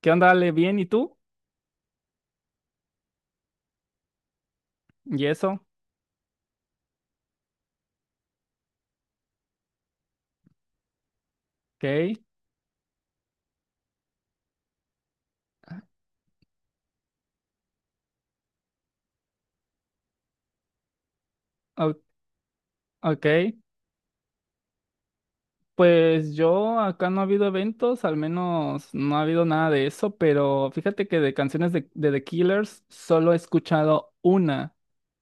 ¿Qué onda, Ale? ¿Bien? ¿Y tú? ¿Y eso? Ok. o- Ok. Pues yo acá no ha habido eventos, al menos no ha habido nada de eso, pero fíjate que de canciones de The Killers solo he escuchado una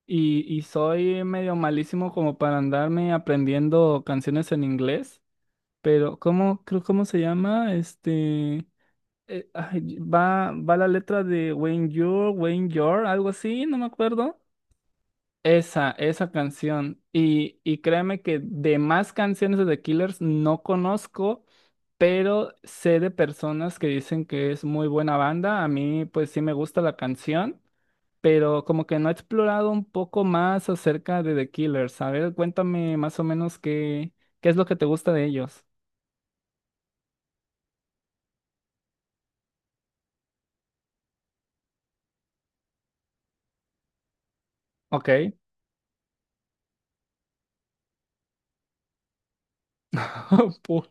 y soy medio malísimo como para andarme aprendiendo canciones en inglés, pero ¿cómo, creo, cómo se llama? Va la letra de When You're, algo así, no me acuerdo. Esa canción. Y créeme que de más canciones de The Killers no conozco, pero sé de personas que dicen que es muy buena banda. A mí, pues sí me gusta la canción, pero como que no he explorado un poco más acerca de The Killers. A ver, cuéntame más o menos qué es lo que te gusta de ellos. Ok. Pu-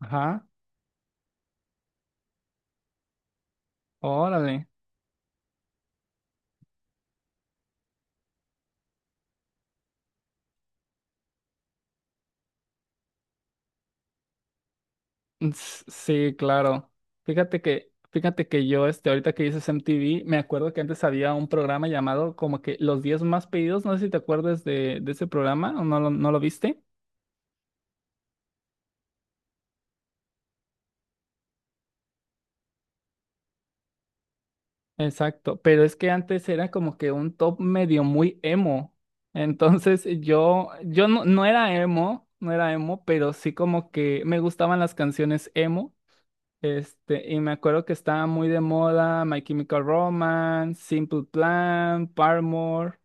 Ajá. Órale. Sí, claro. Fíjate que yo, ahorita que dices MTV, me acuerdo que antes había un programa llamado como que Los 10 más pedidos, no sé si te acuerdas de ese programa, ¿o no lo viste? Exacto, pero es que antes era como que un top medio muy emo. Entonces yo, yo no era emo, no era emo, pero sí como que me gustaban las canciones emo. Y me acuerdo que estaba muy de moda My Chemical Romance, Simple Plan, Paramore.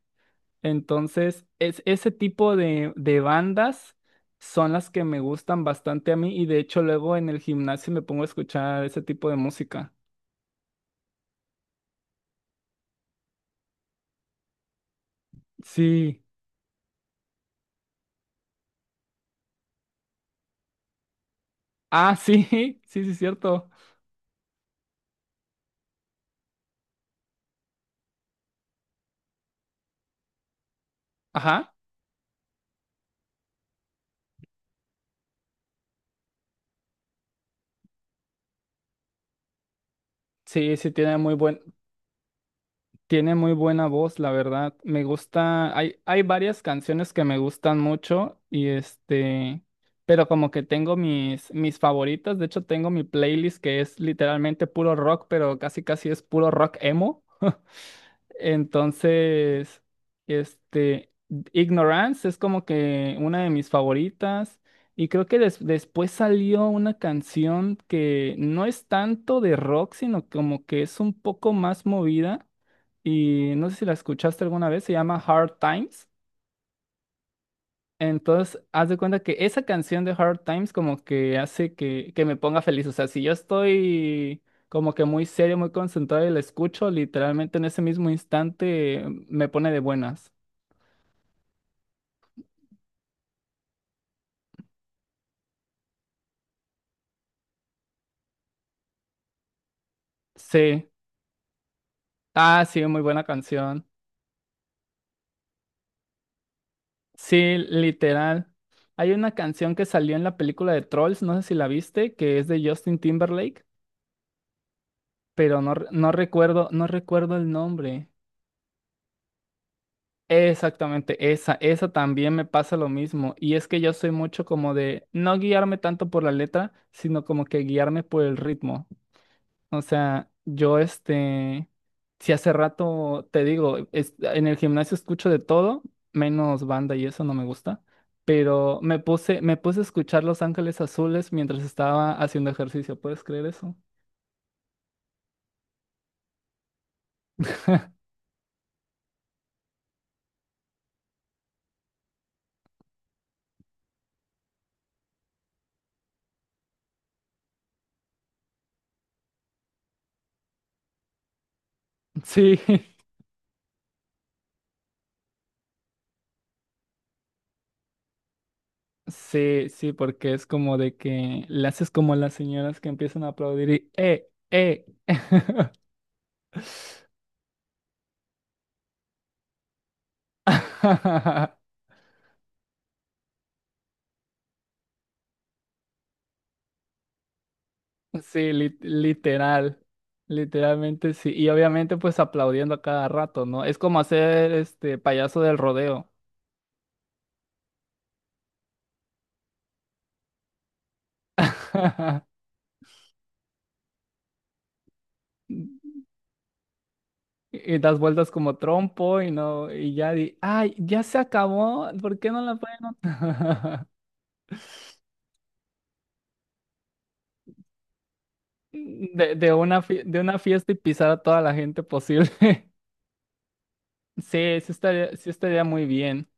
Entonces, ese tipo de bandas son las que me gustan bastante a mí y de hecho luego en el gimnasio me pongo a escuchar ese tipo de música. Sí. Ah, sí, sí, sí, cierto. Ajá. Sí, sí, tiene muy buena voz, la verdad. Me gusta, hay varias canciones que me gustan mucho y pero como que tengo mis favoritas. De hecho, tengo mi playlist que es literalmente puro rock, pero casi casi es puro rock emo. Entonces, este, Ignorance es como que una de mis favoritas. Y creo que después salió una canción que no es tanto de rock, sino como que es un poco más movida. Y no sé si la escuchaste alguna vez, se llama Hard Times. Entonces, haz de cuenta que esa canción de Hard Times como que hace que me ponga feliz. O sea, si yo estoy como que muy serio, muy concentrado y la escucho, literalmente en ese mismo instante me pone de buenas. Sí. Ah, sí, muy buena canción. Sí, literal. Hay una canción que salió en la película de Trolls, no sé si la viste, que es de Justin Timberlake, pero no, no recuerdo, no recuerdo el nombre. Exactamente, esa también me pasa lo mismo. Y es que yo soy mucho como de no guiarme tanto por la letra, sino como que guiarme por el ritmo. O sea, yo si hace rato te digo, en el gimnasio escucho de todo, menos banda y eso no me gusta, pero me puse a escuchar Los Ángeles Azules mientras estaba haciendo ejercicio. ¿Puedes creer eso? Sí. Sí, sí, porque es como de que le haces como las señoras que empiezan a aplaudir y ¡eh, eh! Sí, literal, literalmente sí. Y obviamente pues aplaudiendo a cada rato, ¿no? Es como hacer este payaso del rodeo. Y das vueltas como trompo y no, y ya di, ay, ya se acabó, ¿por qué no la pueden ot-?"?" De una fiesta y pisar a toda la gente posible. Sí, sí estaría muy bien.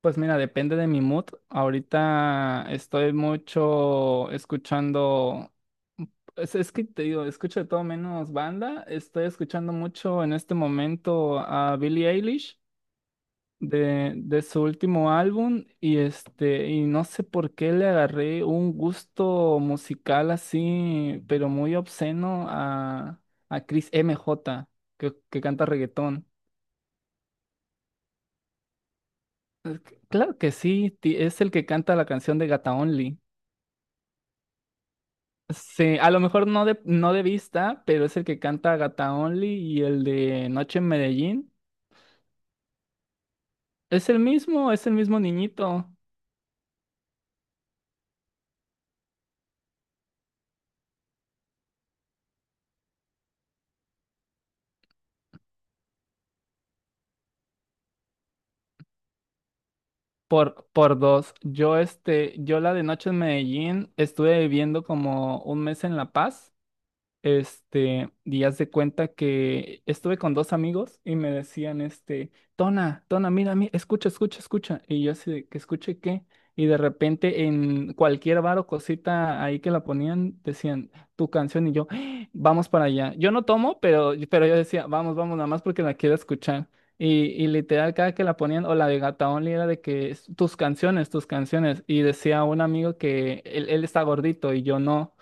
Pues mira, depende de mi mood. Ahorita estoy mucho escuchando, es que te digo, escucho de todo menos banda. Estoy escuchando mucho en este momento a Billie Eilish de su último álbum y y no sé por qué le agarré un gusto musical así, pero muy obsceno a Chris M J que canta reggaetón. Claro que sí, es el que canta la canción de Gata Only. Sí, a lo mejor no no de vista, pero es el que canta Gata Only y el de Noche en Medellín. Es el mismo niñito. Por dos. Yo, yo la de Noche en Medellín estuve viviendo como un mes en La Paz. Este, y haz de cuenta que estuve con dos amigos y me decían, este, Tona, Tona, mira, mí escucha, escucha, escucha. Y yo así de que escuche qué. Y de repente en cualquier bar o cosita ahí que la ponían, decían tu canción y yo, "Ah, vamos para allá. Yo no tomo, pero yo decía, vamos, vamos, nada más porque la quiero escuchar. Y literal, cada que la ponían, o la de Gata Only era de que tus canciones, tus canciones. Y decía un amigo que él está gordito y yo no.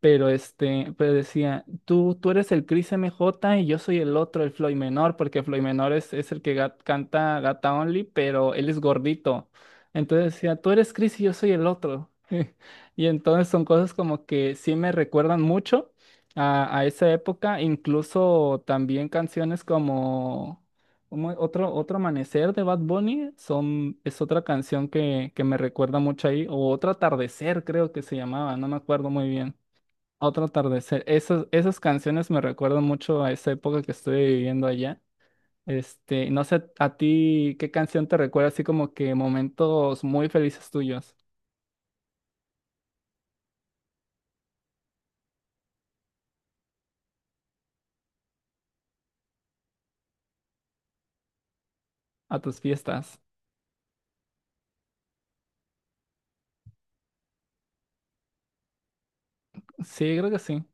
Pero este, pero decía, tú eres el Chris M J y yo soy el otro, el Floyd Menor, porque Floyd Menor es el que canta Gata Only, pero él es gordito. Entonces decía, tú eres Chris y yo soy el otro. Y entonces son cosas como que sí me recuerdan mucho a esa época, incluso también canciones como, otro amanecer de Bad Bunny es otra canción que me recuerda mucho ahí, o otro atardecer creo que se llamaba, no me acuerdo muy bien. Otro atardecer. Esas canciones me recuerdan mucho a esa época que estuve viviendo allá. Este, no sé a ti qué canción te recuerda así como que momentos muy felices tuyos, a tus fiestas. Sí, creo que sí.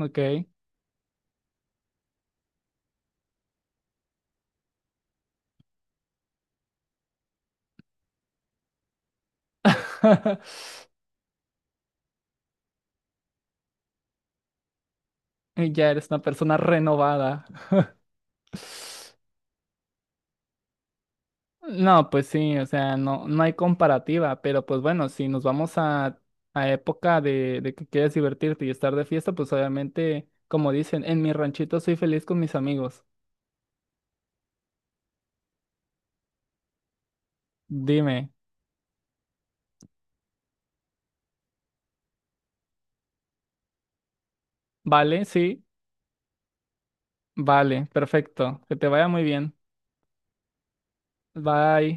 Ok. Y ya eres una persona renovada. No, pues sí, o sea, no, no hay comparativa, pero pues bueno, si nos vamos a época de que quieres divertirte y estar de fiesta, pues obviamente, como dicen, en mi ranchito soy feliz con mis amigos. Dime. Vale, sí, vale, perfecto. Que te vaya muy bien. Bye.